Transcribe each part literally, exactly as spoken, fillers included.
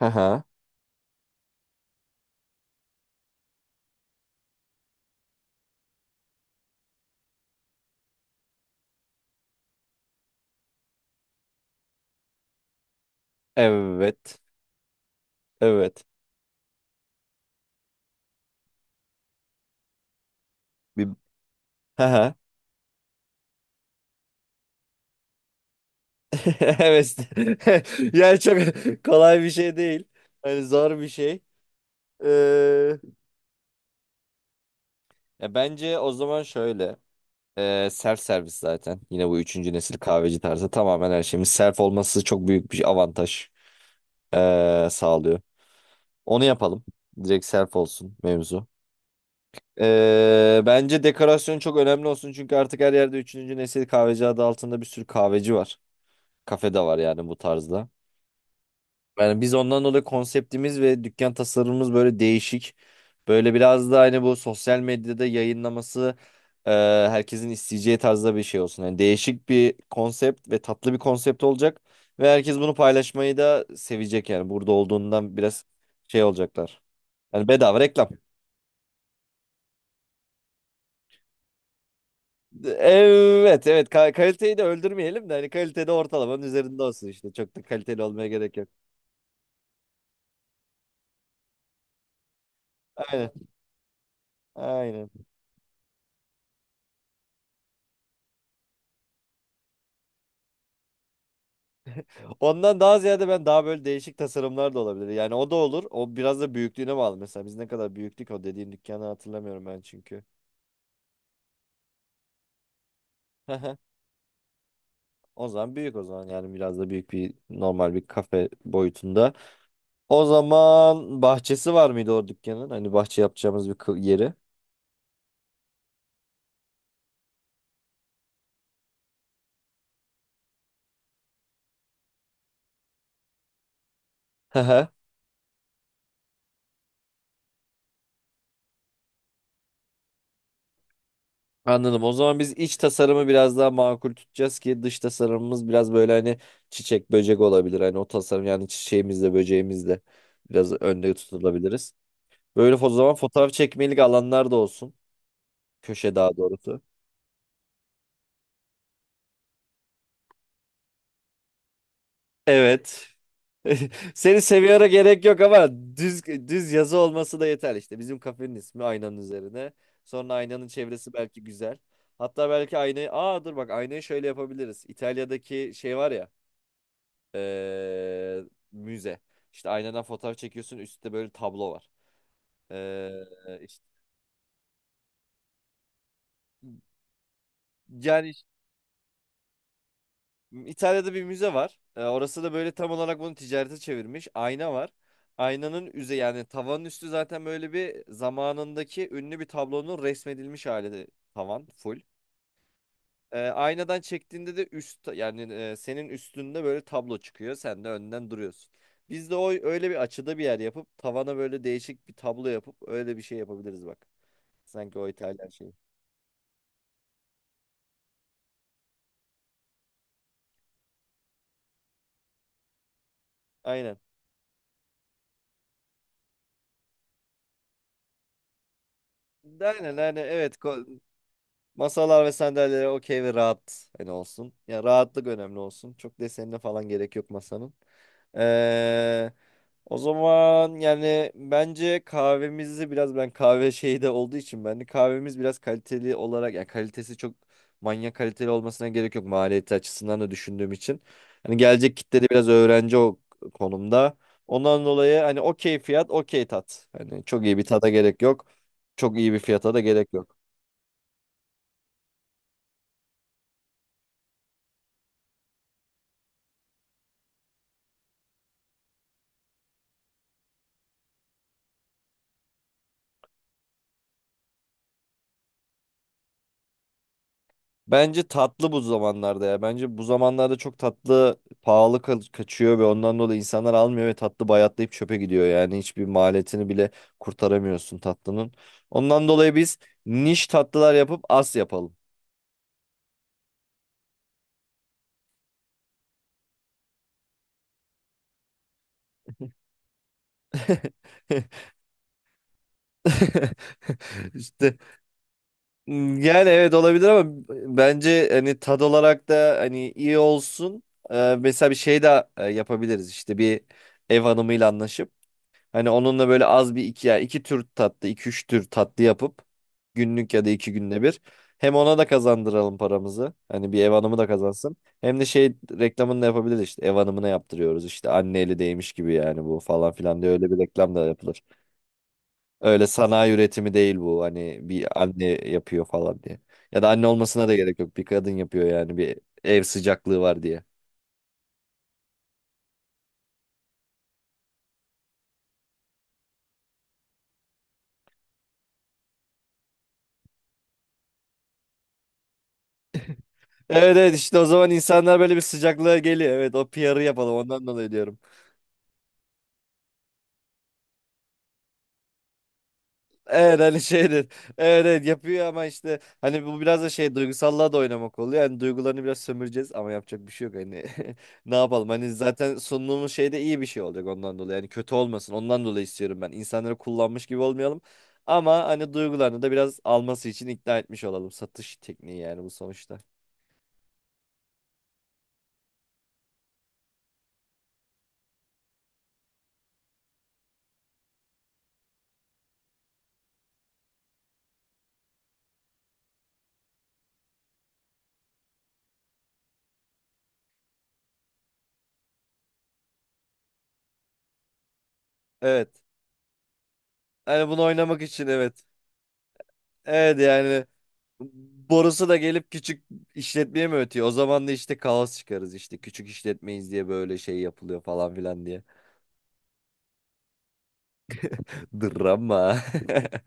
Haha. Evet. Evet. Bir... Haha. Evet. Yani çok kolay bir şey değil. Hani zor bir şey. Ee, Ya bence o zaman şöyle. Ee, self servis zaten. Yine bu üçüncü nesil kahveci tarzı tamamen her şeyimiz self olması çok büyük bir avantaj ee, sağlıyor. Onu yapalım. Direkt self olsun mevzu. Ee, bence dekorasyon çok önemli olsun çünkü artık her yerde üçüncü nesil kahveci adı altında bir sürü kahveci var. Kafe de var yani bu tarzda. Yani biz ondan dolayı konseptimiz ve dükkan tasarımımız böyle değişik. Böyle biraz da hani bu sosyal medyada yayınlaması e, herkesin isteyeceği tarzda bir şey olsun. Yani değişik bir konsept ve tatlı bir konsept olacak. Ve herkes bunu paylaşmayı da sevecek yani. Burada olduğundan biraz şey olacaklar. Yani bedava reklam. Evet, evet, Ka- kaliteyi de öldürmeyelim de hani kalitede ortalamanın üzerinde olsun işte. Çok da kaliteli olmaya gerek yok. Aynen, aynen. Ondan daha ziyade ben daha böyle değişik tasarımlar da olabilir. Yani o da olur. O biraz da büyüklüğüne bağlı. Mesela biz ne kadar büyüklük o dediğin dükkanı hatırlamıyorum ben çünkü. O zaman büyük o zaman yani biraz da büyük bir normal bir kafe boyutunda. O zaman bahçesi var mıydı o dükkanın? Hani bahçe yapacağımız bir kı- yeri. Anladım. O zaman biz iç tasarımı biraz daha makul tutacağız ki dış tasarımımız biraz böyle hani çiçek böcek olabilir. Hani o tasarım yani çiçeğimizle böceğimizle biraz önde tutulabiliriz. Böyle o zaman fotoğraf çekmelik alanlar da olsun. Köşe daha doğrusu. Evet. Seni seviyora gerek yok ama düz düz yazı olması da yeter işte. Bizim kafenin ismi aynanın üzerine. Sonra aynanın çevresi belki güzel. Hatta belki aynayı... Aa dur bak aynayı şöyle yapabiliriz. İtalya'daki şey var ya. eee, Müze. İşte aynadan fotoğraf çekiyorsun üstte böyle tablo var. Eee, işte, Yani İtalya'da bir müze var. E, orası da böyle tam olarak bunu ticarete çevirmiş. Ayna var. Aynanın üze yani tavanın üstü zaten böyle bir zamanındaki ünlü bir tablonun resmedilmiş hali tavan full. E, aynadan çektiğinde de üst yani e, senin üstünde böyle tablo çıkıyor. Sen de önden duruyorsun. Biz de o öyle bir açıda bir yer yapıp tavana böyle değişik bir tablo yapıp öyle bir şey yapabiliriz bak. Sanki o İtalyan şeyi. Aynen. Aynen, aynen, evet. Ko- Masalar ve sandalyeler okey ve rahat hani olsun. Ya rahatlık önemli olsun. Çok desenine falan gerek yok masanın. Ee, O zaman yani bence kahvemizi biraz ben kahve şeyi de olduğu için ben de kahvemiz biraz kaliteli olarak yani kalitesi çok manyak kaliteli olmasına gerek yok maliyeti açısından da düşündüğüm için. Hani gelecek kitle de biraz öğrenci o konumda. Ondan dolayı hani okey fiyat okey tat. Hani çok iyi bir tada gerek yok. Çok iyi bir fiyata da gerek yok. Bence tatlı bu zamanlarda ya. Bence bu zamanlarda çok tatlı pahalı ka- kaçıyor ve ondan dolayı insanlar almıyor ve tatlı bayatlayıp çöpe gidiyor. Yani hiçbir maliyetini bile kurtaramıyorsun tatlının. Ondan dolayı biz niş tatlılar yapıp as yapalım. İşte yani evet olabilir ama bence hani tad olarak da hani iyi olsun. Ee, mesela bir şey de e, yapabiliriz işte bir ev hanımıyla anlaşıp. Hani onunla böyle az bir iki ya iki tür tatlı, iki üç tür tatlı yapıp günlük ya da iki günde bir. Hem ona da kazandıralım paramızı. Hani bir ev hanımı da kazansın. Hem de şey reklamını da yapabiliriz işte. Ev hanımına yaptırıyoruz işte. Anne eli değmiş gibi yani bu falan filan diye öyle bir reklam da yapılır. Öyle sanayi üretimi değil bu. Hani bir anne yapıyor falan diye. Ya da anne olmasına da gerek yok. Bir kadın yapıyor yani bir ev sıcaklığı var diye. Evet, evet, işte o zaman insanlar böyle bir sıcaklığa geliyor. Evet, o P R'ı yapalım ondan dolayı diyorum. Evet hani şeydir. Evet, evet, yapıyor ama işte hani bu biraz da şey duygusallığa da oynamak oluyor. Yani duygularını biraz sömüreceğiz ama yapacak bir şey yok hani. Ne yapalım hani zaten sunduğumuz şey de iyi bir şey olacak ondan dolayı. Yani kötü olmasın ondan dolayı istiyorum ben. İnsanları kullanmış gibi olmayalım. Ama hani duygularını da biraz alması için ikna etmiş olalım. Satış tekniği yani bu sonuçta. Evet. Hani bunu oynamak için evet. Evet yani Borusu da gelip küçük işletmeye mi ötüyor? O zaman da işte kaos çıkarız işte. Küçük işletmeyiz diye böyle şey yapılıyor falan filan diye. Drama.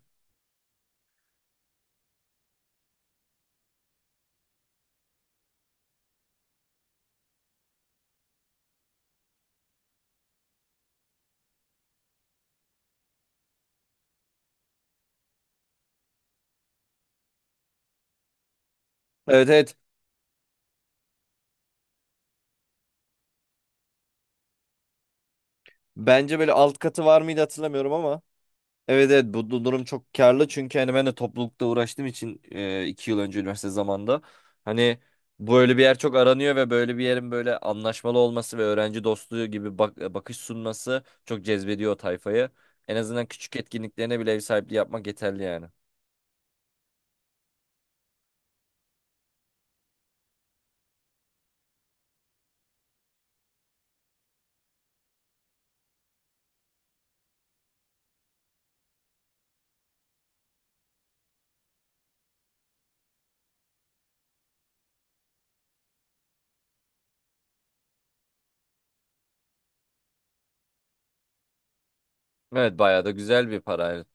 Evet, evet. Bence böyle alt katı var mıydı hatırlamıyorum ama. Evet, evet, bu du- durum çok karlı çünkü hani ben de toplulukta uğraştığım için e, iki yıl önce üniversite zamanında hani böyle bir yer çok aranıyor ve böyle bir yerin böyle anlaşmalı olması ve öğrenci dostluğu gibi bak e, bakış sunması çok cezbediyor o tayfayı. En azından küçük etkinliklerine bile ev sahipliği yapmak yeterli yani. Evet, bayağı da güzel bir para. Evet.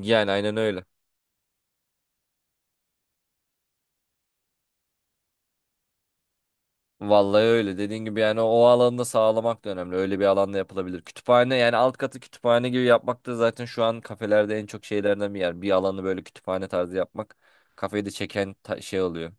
Yani aynen öyle. Vallahi öyle. Dediğin gibi yani o alanda sağlamak da önemli. Öyle bir alanda yapılabilir. Kütüphane yani alt katı kütüphane gibi yapmak da zaten şu an kafelerde en çok şeylerden bir yer. Bir alanı böyle kütüphane tarzı yapmak kafeyi de çeken ta- şey oluyor.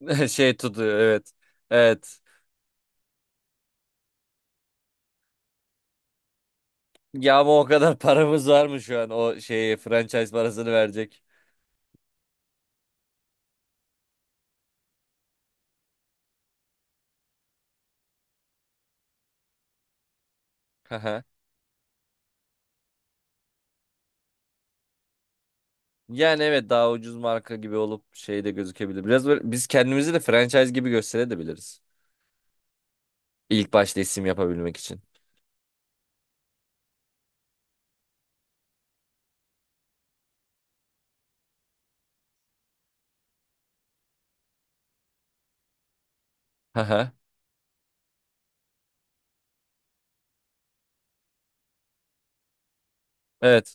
Şey tutuyor evet. Evet. Ya ama o kadar paramız var mı şu an o şeye franchise parasını verecek? Haha. Yani evet daha ucuz marka gibi olup şey de gözükebilir. Biraz böyle biz kendimizi de franchise gibi gösterebiliriz. İlk başta isim yapabilmek için. Haha. Evet.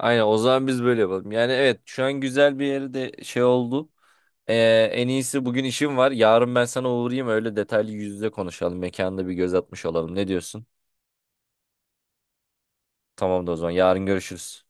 Aynen o zaman biz böyle yapalım. Yani evet şu an güzel bir yere de şey oldu. Ee, En iyisi bugün işim var. Yarın ben sana uğrayayım öyle detaylı yüz yüze konuşalım. Mekanda bir göz atmış olalım. Ne diyorsun? Tamam da o zaman yarın görüşürüz.